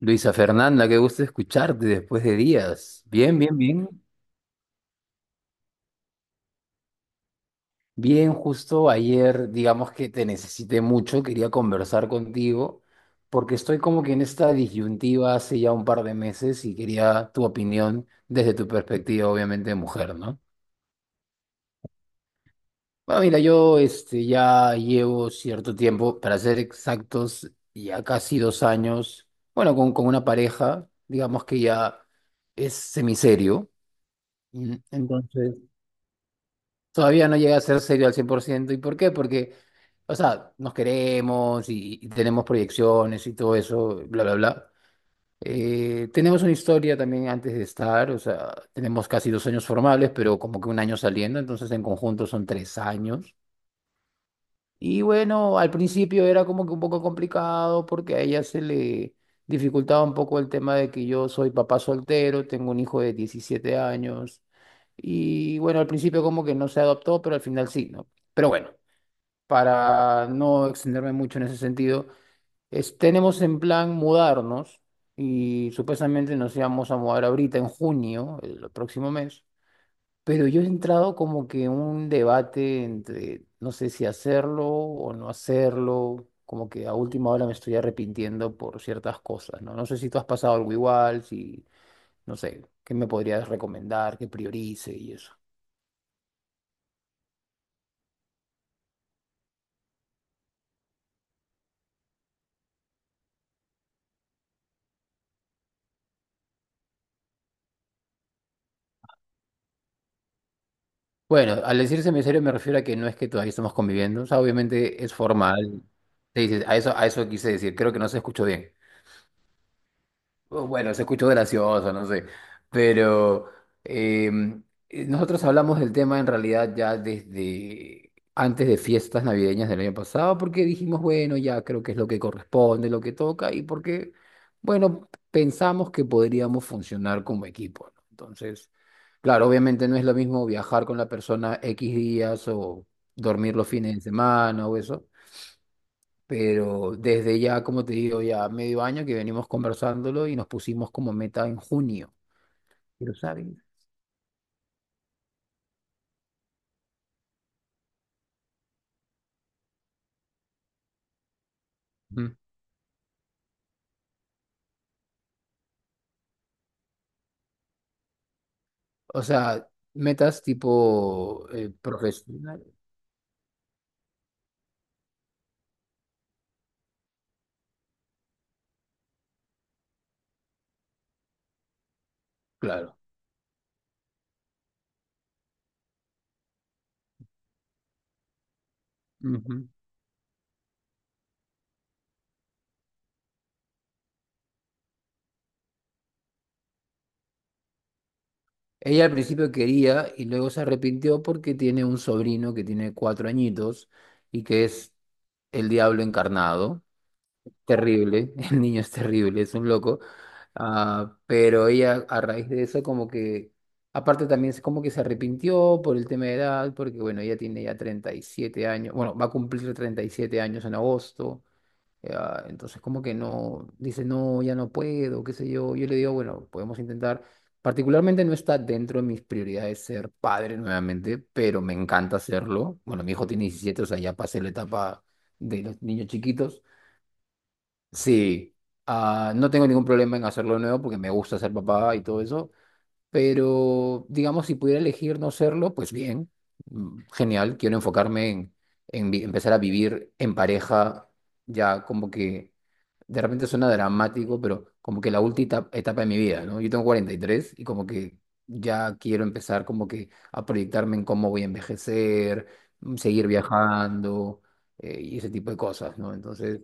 Luisa Fernanda, qué gusto escucharte después de días. Bien, bien, bien. Bien, justo ayer, digamos que te necesité mucho, quería conversar contigo, porque estoy como que en esta disyuntiva hace ya un par de meses y quería tu opinión desde tu perspectiva, obviamente, de mujer, ¿no? Bueno, mira, yo este, ya llevo cierto tiempo, para ser exactos, ya casi dos años, bueno, con una pareja, digamos que ya es semiserio. Entonces, todavía no llega a ser serio al cien por ciento. ¿Y por qué? Porque, o sea, nos queremos y tenemos proyecciones y todo eso, bla, bla, bla. Tenemos una historia también antes de estar, o sea, tenemos casi dos años formales, pero como que un año saliendo, entonces en conjunto son tres años. Y bueno, al principio era como que un poco complicado porque a ella se le dificultaba un poco el tema de que yo soy papá soltero, tengo un hijo de 17 años. Y bueno, al principio como que no se adoptó, pero al final sí, ¿no? Pero bueno, para no extenderme mucho en ese sentido, tenemos en plan mudarnos y supuestamente nos íbamos a mudar ahorita en junio, el próximo mes. Pero yo he entrado como que en un debate entre no sé si hacerlo o no hacerlo, como que a última hora me estoy arrepintiendo por ciertas cosas, ¿no? No sé si tú has pasado algo igual, si, no sé, ¿qué me podrías recomendar, que priorice y eso? Bueno, al decir serio me refiero a que no es que todavía estamos conviviendo, o sea, obviamente es formal. Sí, sí, a eso quise decir, creo que no se escuchó bien. Oh, bueno, se escuchó gracioso, no sé, pero em, nosotros hablamos del tema en realidad ya desde antes de fiestas navideñas del año pasado, porque dijimos, bueno, ya creo que es lo que corresponde, lo que toca, y porque, bueno, pensamos que podríamos funcionar como equipo, ¿no? Entonces, claro, obviamente no es lo mismo viajar con la persona X días o dormir los fines de semana o eso, pero desde ya, como te digo, ya medio año que venimos conversándolo y nos pusimos como meta en junio. ¿Pero sabes? Mm. O sea, metas tipo profesional, claro. Ujú. Ella al principio quería y luego se arrepintió porque tiene un sobrino que tiene 4 añitos y que es el diablo encarnado. Terrible, el niño es terrible, es un loco. Ah, pero ella a raíz de eso como que, aparte también es como que se arrepintió por el tema de edad, porque bueno, ella tiene ya 37 años, bueno, va a cumplir 37 años en agosto, ah, entonces como que no, dice, no, ya no puedo, qué sé yo, yo le digo, bueno, podemos intentar, particularmente no está dentro de mis prioridades ser padre nuevamente, pero me encanta hacerlo, bueno, mi hijo tiene 17, o sea, ya pasé la etapa de los niños chiquitos. Sí, ah, no tengo ningún problema en hacerlo de nuevo porque me gusta ser papá y todo eso, pero digamos, si pudiera elegir no serlo, pues bien, genial, quiero enfocarme en empezar a vivir en pareja, ya como que de repente suena dramático, pero como que la última etapa, etapa de mi vida, ¿no? Yo tengo 43 y tres y como que ya quiero empezar como que a proyectarme en cómo voy a envejecer, seguir viajando, y ese tipo de cosas, ¿no? Entonces.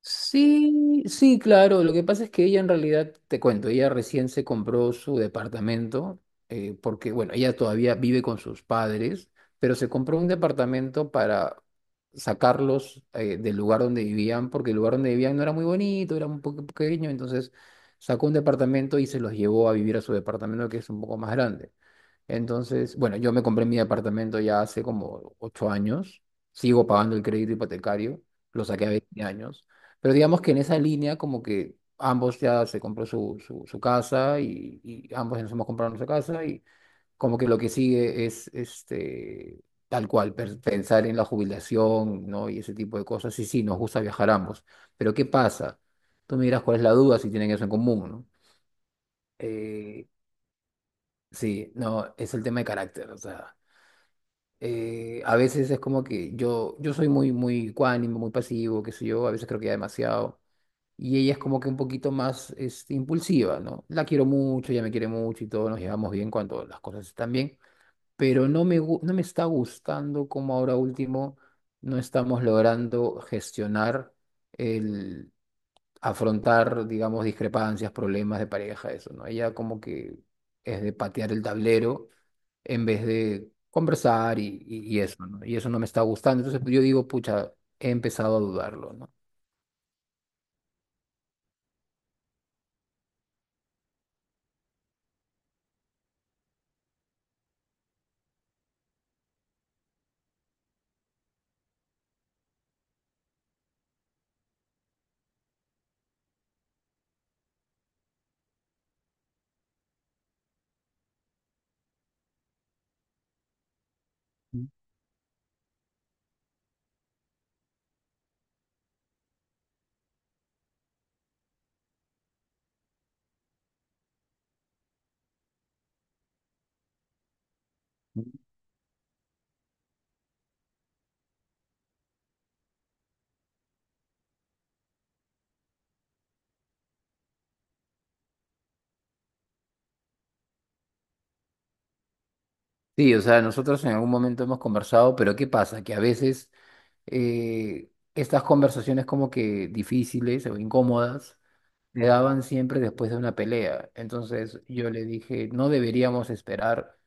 Sí, sí, claro. Lo que pasa es que ella en realidad, te cuento, ella recién se compró su departamento, porque, bueno, ella todavía vive con sus padres, pero se compró un departamento para sacarlos, del lugar donde vivían, porque el lugar donde vivían no era muy bonito, era un poco pequeño, entonces sacó un departamento y se los llevó a vivir a su departamento, que es un poco más grande. Entonces, bueno, yo me compré mi apartamento ya hace como 8 años, sigo pagando el crédito hipotecario, lo saqué a 20 años, pero digamos que en esa línea como que ambos ya se compró su casa y ambos nos hemos comprado nuestra casa y como que lo que sigue es este, tal cual, pensar en la jubilación, ¿no? Y ese tipo de cosas. Y sí, nos gusta viajar ambos, pero ¿qué pasa? Tú me dirás cuál es la duda si tienen eso en común, ¿no? Eh, Sí, no, es el tema de carácter, o sea, a veces es como que yo soy muy, muy ecuánime, muy pasivo, qué sé yo, a veces creo que ya demasiado. Y ella es como que un poquito más este, impulsiva, ¿no? La quiero mucho, ella me quiere mucho y todo, nos llevamos bien cuando las cosas están bien, pero no me está gustando como ahora último no estamos logrando gestionar el afrontar, digamos, discrepancias, problemas de pareja, eso, ¿no? Ella como que es de patear el tablero en vez de conversar y eso, ¿no? Y eso no me está gustando. Entonces pues, yo digo, pucha, he empezado a dudarlo, ¿no? Sí, o sea, nosotros en algún momento hemos conversado, pero ¿qué pasa? Que a veces estas conversaciones como que difíciles o incómodas se daban siempre después de una pelea. Entonces yo le dije, no deberíamos esperar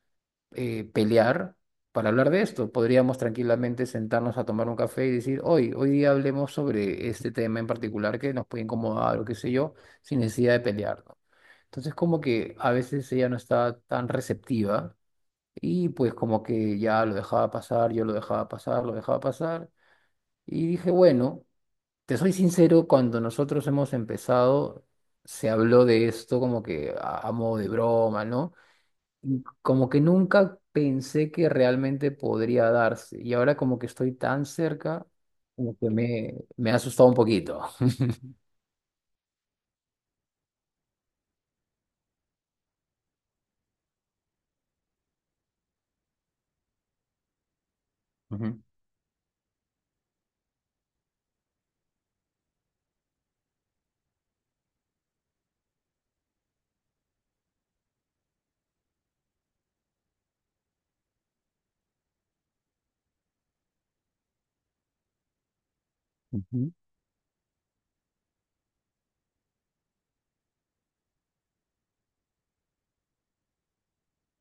pelear para hablar de esto. Podríamos tranquilamente sentarnos a tomar un café y decir, hoy día hablemos sobre este tema en particular que nos puede incomodar o qué sé yo, sin necesidad de pelear, ¿no? Entonces, como que a veces ella no está tan receptiva y pues como que ya lo dejaba pasar, yo lo dejaba pasar, lo dejaba pasar. Y dije, bueno, te soy sincero, cuando nosotros hemos empezado, se habló de esto como que a modo de broma, ¿no? Y como que nunca pensé que realmente podría darse. Y ahora como que estoy tan cerca, como que me ha asustado un poquito. Ujú, ujú,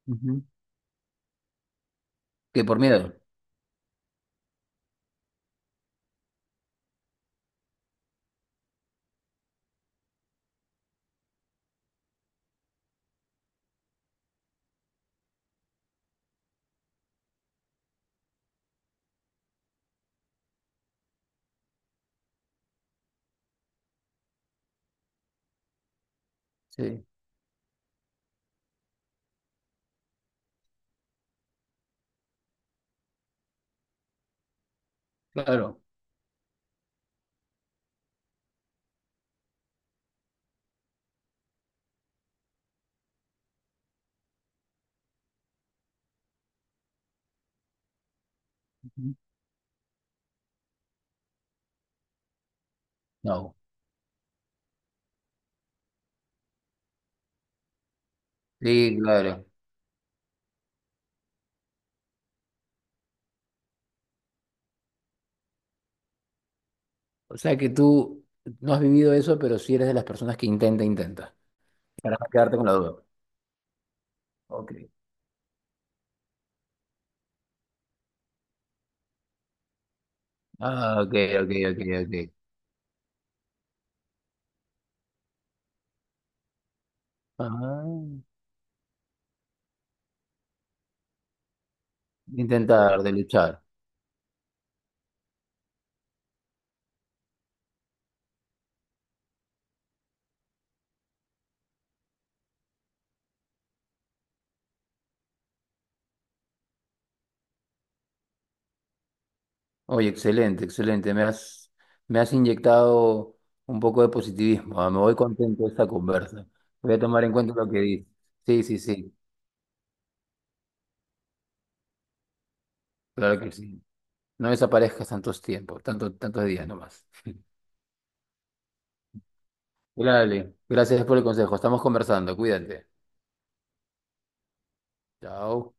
ujú. Que por miedo. Sí, claro. Ujú. No. Sí, claro. O sea que tú no has vivido eso, pero sí eres de las personas que intenta, intenta. Para no quedarte con la duda. Ok. Ah, ok, ok, ok, ok. Ah, de intentar, de luchar. Oye, excelente, excelente. Me has inyectado un poco de positivismo. Ah, me voy contento de esta conversa. Voy a tomar en cuenta lo que dices. Sí, sí, sí, claro que sí. No desaparezcas tantos tiempos, tanto, tantos días nomás. Dale, gracias por el consejo. Estamos conversando. Cuídate. Chao.